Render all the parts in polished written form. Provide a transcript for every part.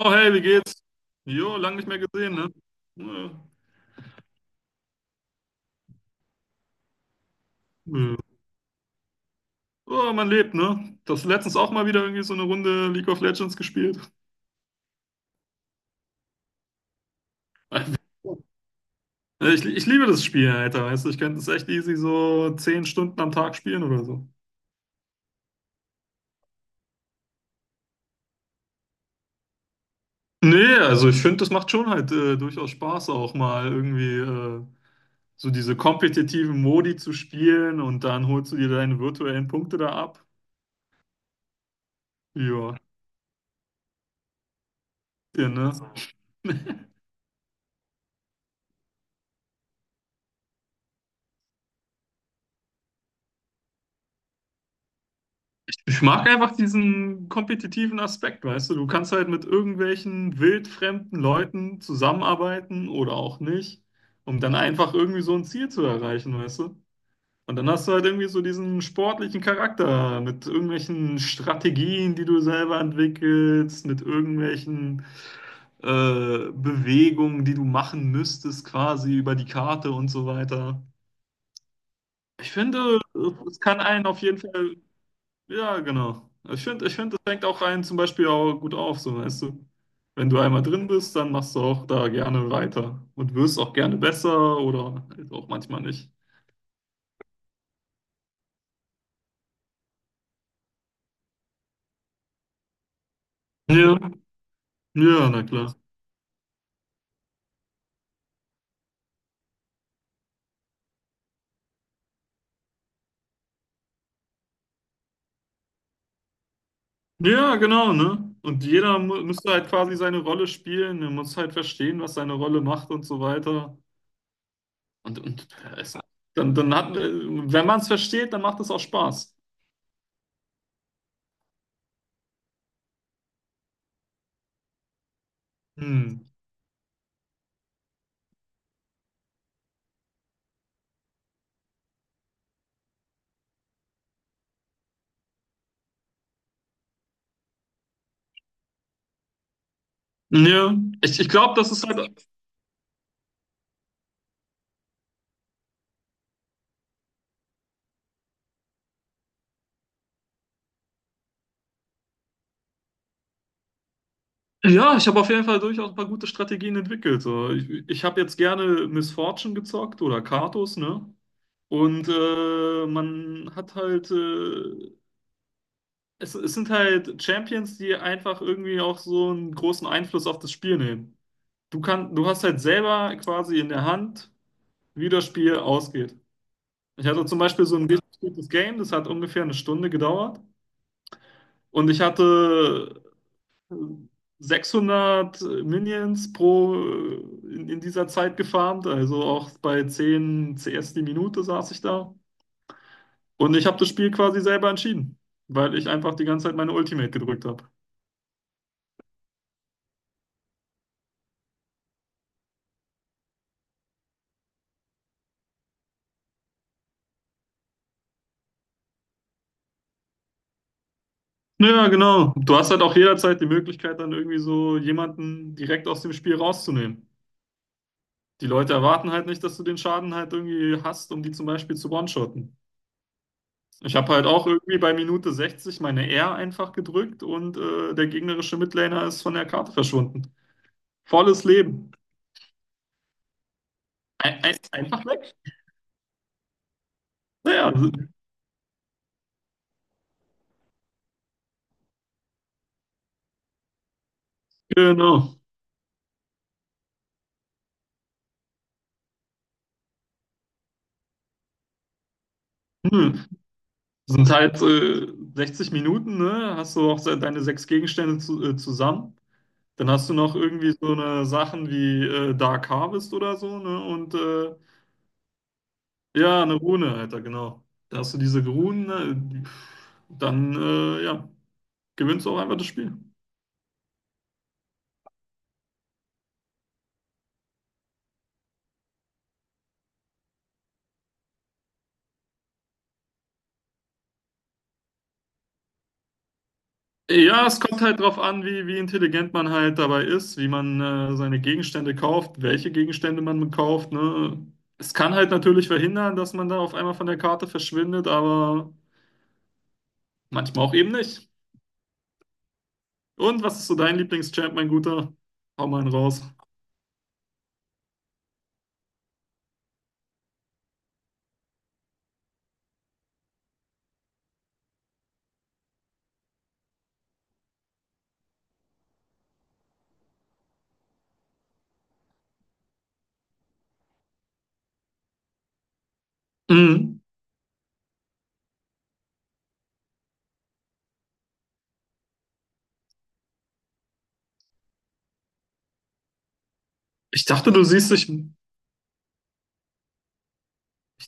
Oh, hey, wie geht's? Jo, lang nicht mehr gesehen, ne? Ja. Ja. Oh, man lebt, ne? Das letztens auch mal wieder irgendwie so eine Runde League of Legends gespielt. Ich liebe das Spiel, Alter, weißt du, ich könnte es echt easy so 10 Stunden am Tag spielen oder so. Nee, also ich finde, das macht schon halt durchaus Spaß, auch mal irgendwie so diese kompetitiven Modi zu spielen und dann holst du dir deine virtuellen Punkte da ab. Ja, ja, ne? Ich mag einfach diesen kompetitiven Aspekt, weißt du? Du kannst halt mit irgendwelchen wildfremden Leuten zusammenarbeiten oder auch nicht, um dann einfach irgendwie so ein Ziel zu erreichen, weißt du? Und dann hast du halt irgendwie so diesen sportlichen Charakter mit irgendwelchen Strategien, die du selber entwickelst, mit irgendwelchen Bewegungen, die du machen müsstest, quasi über die Karte und so weiter. Ich finde, es kann einen auf jeden Fall ja, genau. Ich finde, das fängt auch einen zum Beispiel auch gut auf, so weißt du. Wenn du einmal drin bist, dann machst du auch da gerne weiter und wirst auch gerne besser oder halt auch manchmal nicht. Ja, ja, na klar. Ja, genau, ne? Und jeder mu müsste halt quasi seine Rolle spielen, er muss halt verstehen, was seine Rolle macht und so weiter. Und es, dann, dann hat, Wenn man es versteht, dann macht es auch Spaß. Hm. Ja, ich glaube, das ist halt. Ja, ich habe auf jeden Fall durchaus ein paar gute Strategien entwickelt. So. Ich habe jetzt gerne Miss Fortune gezockt oder Karthus, ne? Und man hat halt, es sind halt Champions, die einfach irgendwie auch so einen großen Einfluss auf das Spiel nehmen. Du hast halt selber quasi in der Hand, wie das Spiel ausgeht. Ich hatte zum Beispiel so ein richtig gutes Game, das hat ungefähr 1 Stunde gedauert. Und ich hatte 600 Minions pro in dieser Zeit gefarmt, also auch bei 10 CS die Minute saß ich da. Und ich habe das Spiel quasi selber entschieden, weil ich einfach die ganze Zeit meine Ultimate gedrückt habe. Ja, genau. Du hast halt auch jederzeit die Möglichkeit, dann irgendwie so jemanden direkt aus dem Spiel rauszunehmen. Die Leute erwarten halt nicht, dass du den Schaden halt irgendwie hast, um die zum Beispiel zu one-shotten. Ich habe halt auch irgendwie bei Minute 60 meine R einfach gedrückt und der gegnerische Midlaner ist von der Karte verschwunden. Volles Leben. Einfach weg. Ja, genau. Hm. Das sind halt 60 Minuten, ne? Hast du auch deine sechs Gegenstände zusammen. Dann hast du noch irgendwie so eine Sachen wie Dark Harvest oder so, ne? Und ja, eine Rune, Alter, genau. Da hast du diese Runen, ne? Dann Ja, gewinnst du auch einfach das Spiel. Ja, es kommt halt drauf an, wie, wie intelligent man halt dabei ist, wie man seine Gegenstände kauft, welche Gegenstände man kauft, ne? Es kann halt natürlich verhindern, dass man da auf einmal von der Karte verschwindet, aber manchmal auch eben nicht. Und was ist so dein Lieblingschamp, mein Guter? Hau mal einen raus. Mhm. Ich dachte, du siehst dich, ich,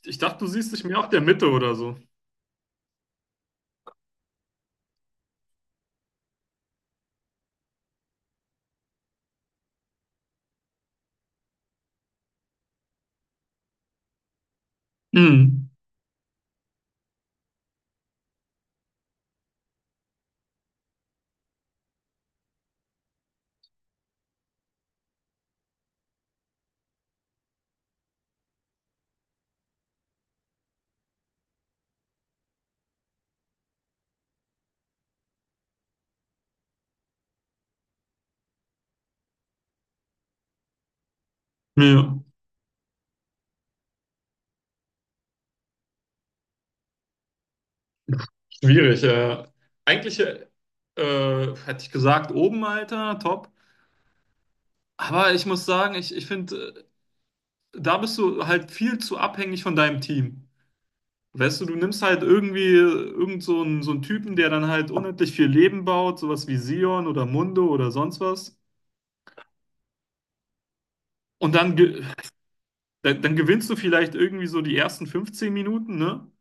ich dachte, du siehst dich mehr auf der Mitte oder so. Mhm. Ja. Schwierig. Eigentlich hätte ich gesagt, oben, Alter, top. Aber ich muss sagen, ich finde, da bist du halt viel zu abhängig von deinem Team. Weißt du, du nimmst halt irgendwie irgend so einen Typen, der dann halt unendlich viel Leben baut, sowas wie Sion oder Mundo oder sonst was. Und dann gewinnst du vielleicht irgendwie so die ersten 15 Minuten, ne?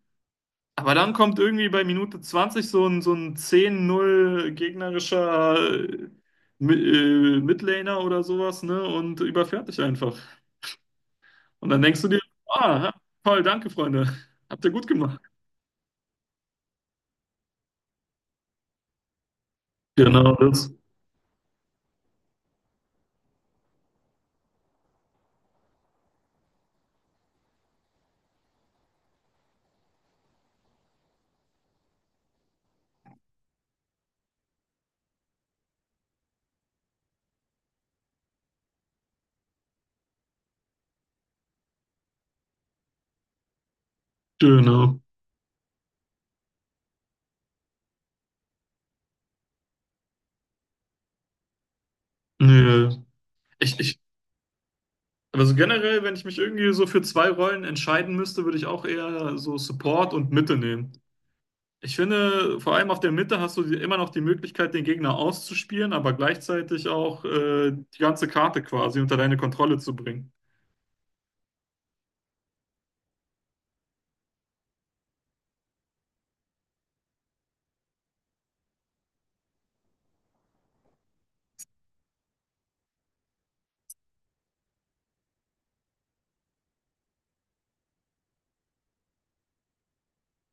Aber dann kommt irgendwie bei Minute 20 so ein 10-0 gegnerischer äh, Mi- Midlaner oder sowas, ne? Und überfährt dich einfach. Und dann denkst du dir, ah, toll, danke, Freunde. Habt ihr gut gemacht. Genau, das. Genau. Nee. Ich, ich, aber so generell, wenn ich mich irgendwie so für zwei Rollen entscheiden müsste, würde ich auch eher so Support und Mitte nehmen. Ich finde, vor allem auf der Mitte hast du die, immer noch die Möglichkeit, den Gegner auszuspielen, aber gleichzeitig auch die ganze Karte quasi unter deine Kontrolle zu bringen.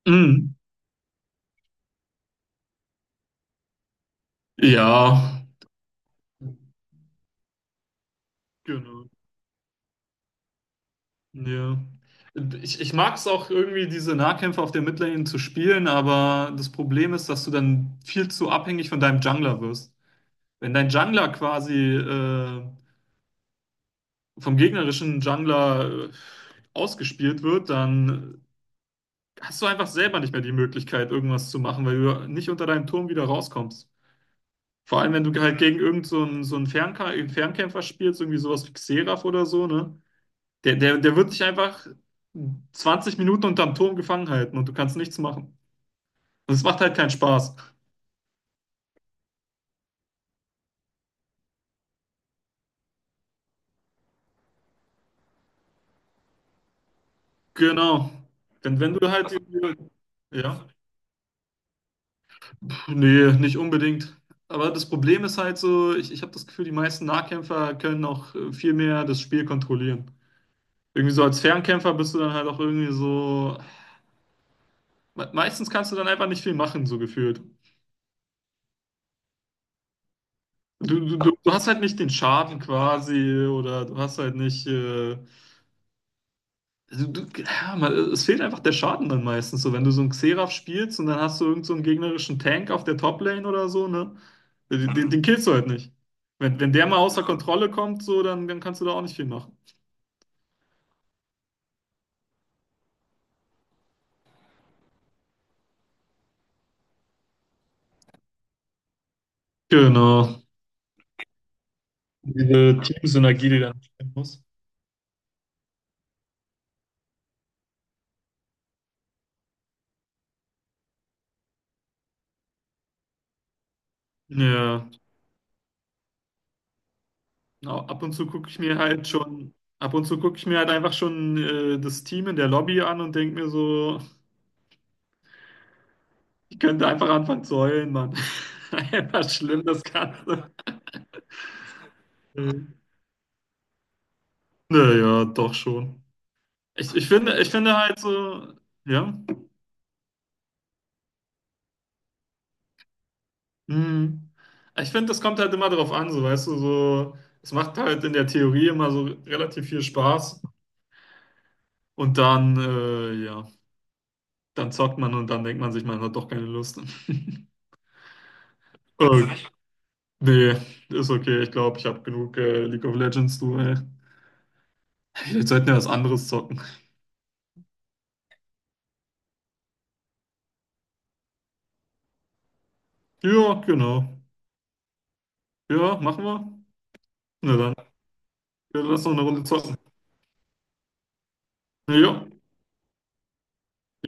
Mhm. Ja. Genau. Ja. Ich mag es auch irgendwie, diese Nahkämpfe auf der Midlane zu spielen, aber das Problem ist, dass du dann viel zu abhängig von deinem Jungler wirst. Wenn dein Jungler quasi vom gegnerischen Jungler ausgespielt wird, dann hast du einfach selber nicht mehr die Möglichkeit, irgendwas zu machen, weil du nicht unter deinem Turm wieder rauskommst. Vor allem, wenn du halt gegen irgend so einen Fernkämpfer spielst, irgendwie sowas wie Xerath oder so, ne? Der wird dich einfach 20 Minuten unterm Turm gefangen halten und du kannst nichts machen. Und es macht halt keinen Spaß. Genau. Denn wenn du halt, ja, pff, nee, nicht unbedingt. Aber das Problem ist halt so, ich habe das Gefühl, die meisten Nahkämpfer können auch viel mehr das Spiel kontrollieren. Irgendwie so als Fernkämpfer bist du dann halt auch irgendwie so, meistens kannst du dann einfach nicht viel machen, so gefühlt. Du hast halt nicht den Schaden quasi oder du hast halt nicht also, es fehlt einfach der Schaden dann meistens. So, wenn du so einen Xerath spielst und dann hast du irgend so einen gegnerischen Tank auf der Top-Lane oder so, ne? Den killst du halt nicht. Wenn der mal außer Kontrolle kommt, so, dann kannst du da auch nicht viel machen. Genau. Diese Teamsynergie, die dann stimmen muss. Ja. Ab und zu gucke ich mir halt schon, ab und zu gucke ich mir halt einfach schon das Team in der Lobby an und denke mir so, ich könnte einfach anfangen zu heulen, Mann. Einfach schlimm, das Ganze. Äh, Naja, doch schon. Ich finde halt so, ja, hm, ich finde, das kommt halt immer darauf an, so, weißt du, so, es macht halt in der Theorie immer so relativ viel Spaß und ja, dann zockt man und dann denkt man sich, man hat doch keine Lust. Äh, Nee, ist okay, ich glaube, ich habe genug League of Legends, du, ey. Vielleicht sollten wir was anderes zocken. Ja, genau. Ja, machen wir. Na dann, ja, lass noch eine Runde zocken. Ja.